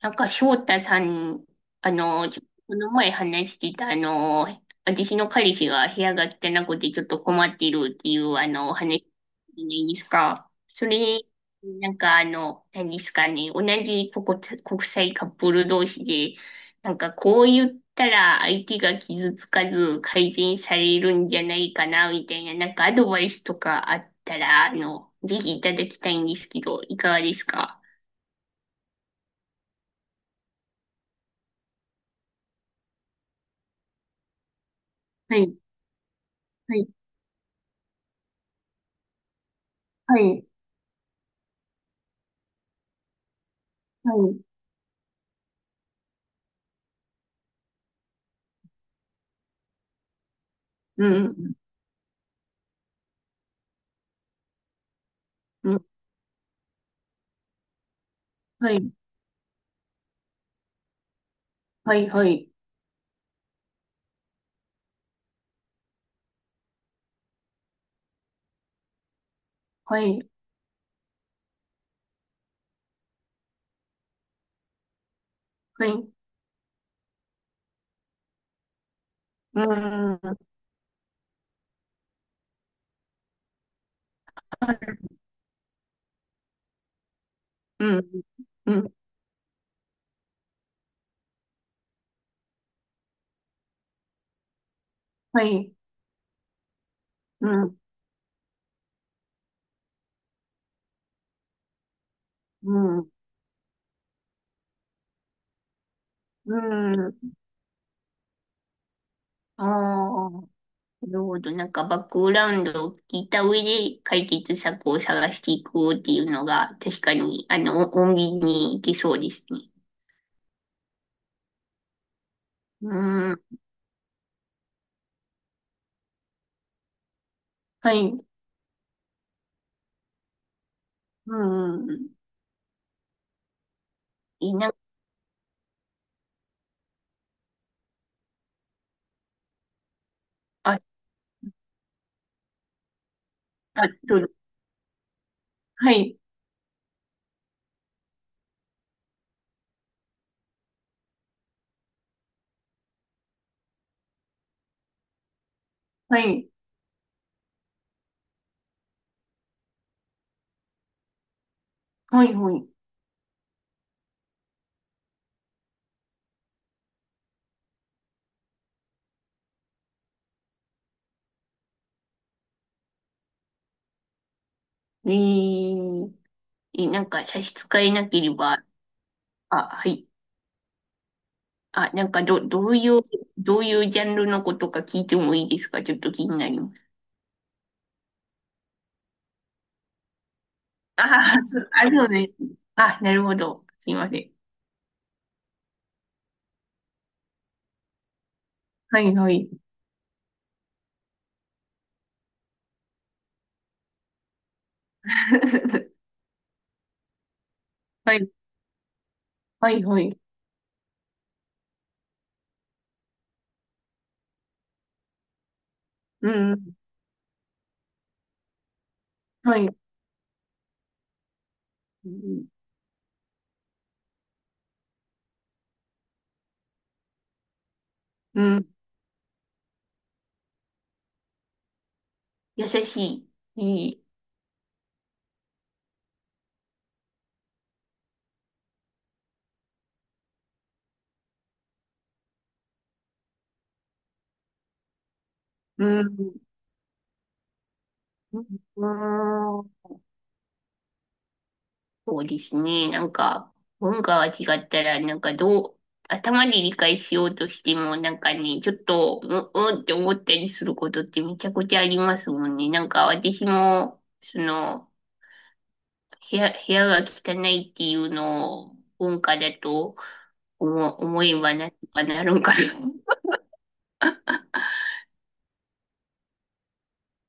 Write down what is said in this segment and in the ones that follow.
なんか翔太さん、あの、ちょこの前話してた、私の彼氏が部屋が汚くてちょっと困っているっていう、お話じゃないですか。それ、なんか何ですかね、同じ国際カップル同士で、なんかこう言ったら相手が傷つかず改善されるんじゃないかな、みたいな、なんかアドバイスとかあったら、ぜひいただきたいんですけど、いかがですか？はい。はい。はい。はい。うん、うん、うん、はい、はい、はい、はい、はい、うん、うん、うん、はい、うん、うん、うん、ああ、なるほど。なんかバックグラウンドを聞いた上で解決策を探していこうっていうのが、確かに、穏便にいけそうですね。うん、はい、うん、いいな、あ、あ、どう、はい、はい、はい、はい。えー、なんか差し支えなければ、あ、はい。あ、なんかどういうジャンルのことか聞いてもいいですか？ちょっと気になります。ああ、そう、あ、るうね。あ、なるほど。すいません。はい、はい。はい、はい、はい。うん、うん、はい。うん、うん、優しい。いい。うん、うん、そうですね。なんか、文化が違ったら、なんかどう、頭で理解しようとしても、なんかね、ちょっと、うんって思ったりすることってめちゃくちゃありますもんね。なんか私も、その、部屋が汚いっていうのを文化だと思えばなんとかなるんかな。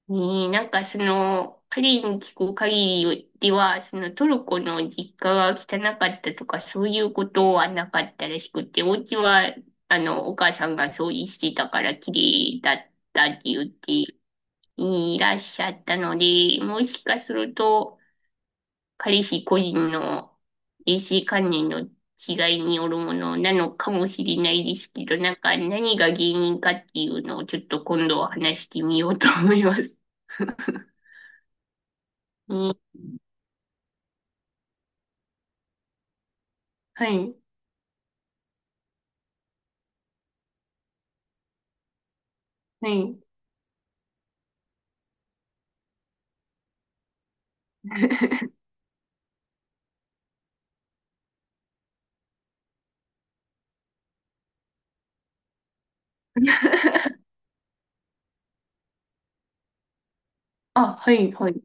ねえ、なんかその、彼に聞く限りでは、そのトルコの実家が汚かったとか、そういうことはなかったらしくて、お家は、お母さんが掃除してたから綺麗だったって言っていらっしゃったので、もしかすると、彼氏個人の衛生観念の違いによるものなのかもしれないですけど、なんか何が原因かっていうのをちょっと今度は話してみようと思います。はい、はい。あ、はい、はい。い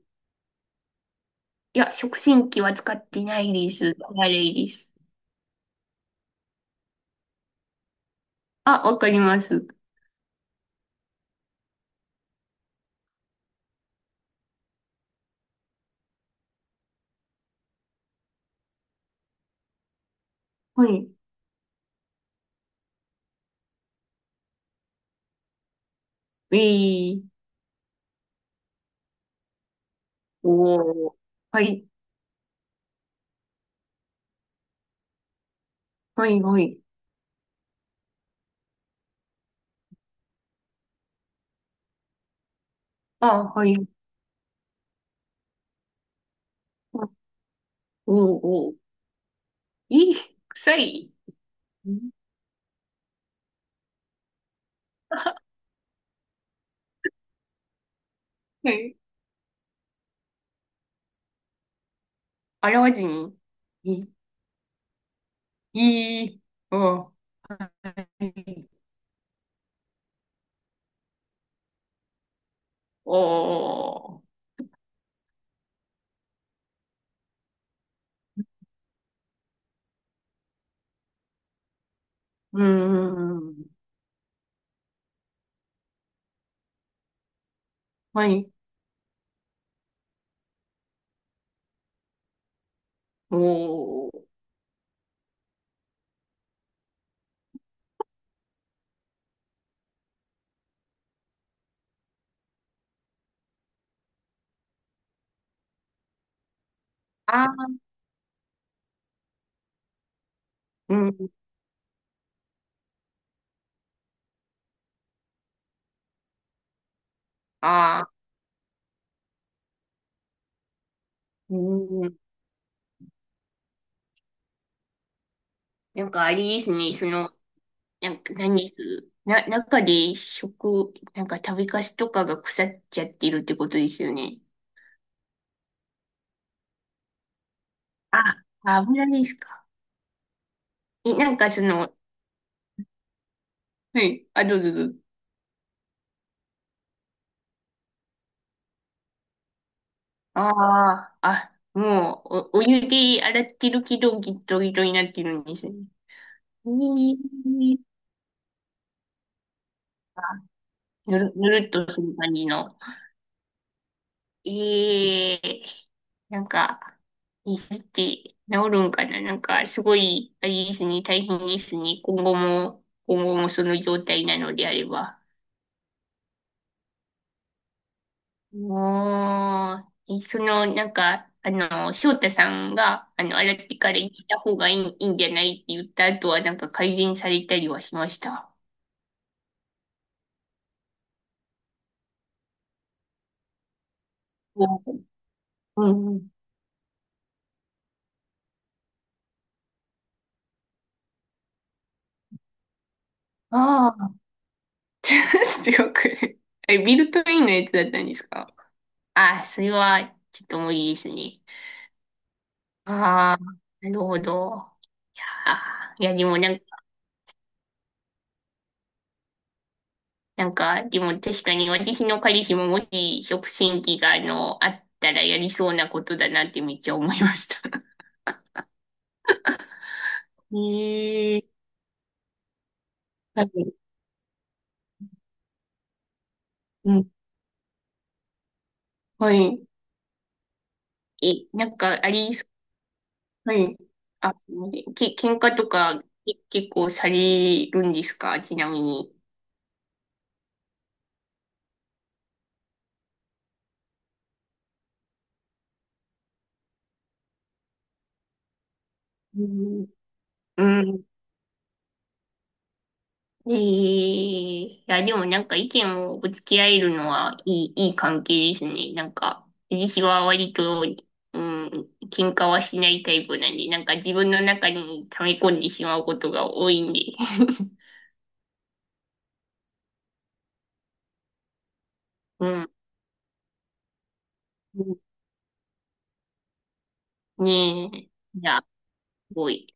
や、食洗機は使ってないです。あれです。あ、わかります。はい。えー、おー。はい、はい、はい。あ、はい。おー、おー。えー、臭い。ん、はい。洗わずに。えー、えー、おー。はい。おー。うーん。はい。おー。あー、うん。あー。うん、なんかあれですね、その、なんか何です、な、中で食、なんか食べかすとかが腐っちゃってるってことですよね。あ、油ですか。え、なんかその、はい、あ、どうぞどうぞ。ああ、あ、もう、お湯で洗ってるけど、ギットギトになってるんですね。えー、あ、ぬるっとする感じの。ええ、なんか、いいって治るんかな、なんか、すごい、あれですね、大変ですね。今後も、今後もその状態なのであれば。もう、え、その、なんか、翔太さんが、洗ってから行た方がいいんじゃないって言った後は、なんか改善されたりはしました。うん。うん、ああ。強く。あれ、ビルトインのやつだったんですか？ああ、それは、ちょっと無理ですね。ああ、なるほど。あー、いや、でもなんか、なんか、でも確かに私の彼氏ももし食洗機があったらやりそうなことだなってめっちゃ思いました。ええ、はい。うん。はい。え、なんか、あり、はい。あ、すみません。喧嘩とか、結構されるんですか？ちなみに。うん。うん。ええ、いや、でもなんか意見をぶつけ合えるのはいい関係ですね。なんか、私は割と、うん、喧嘩はしないタイプなんで、なんか自分の中に溜め込んでしまうことが多いんで。うん。ねえ。いや、すごい。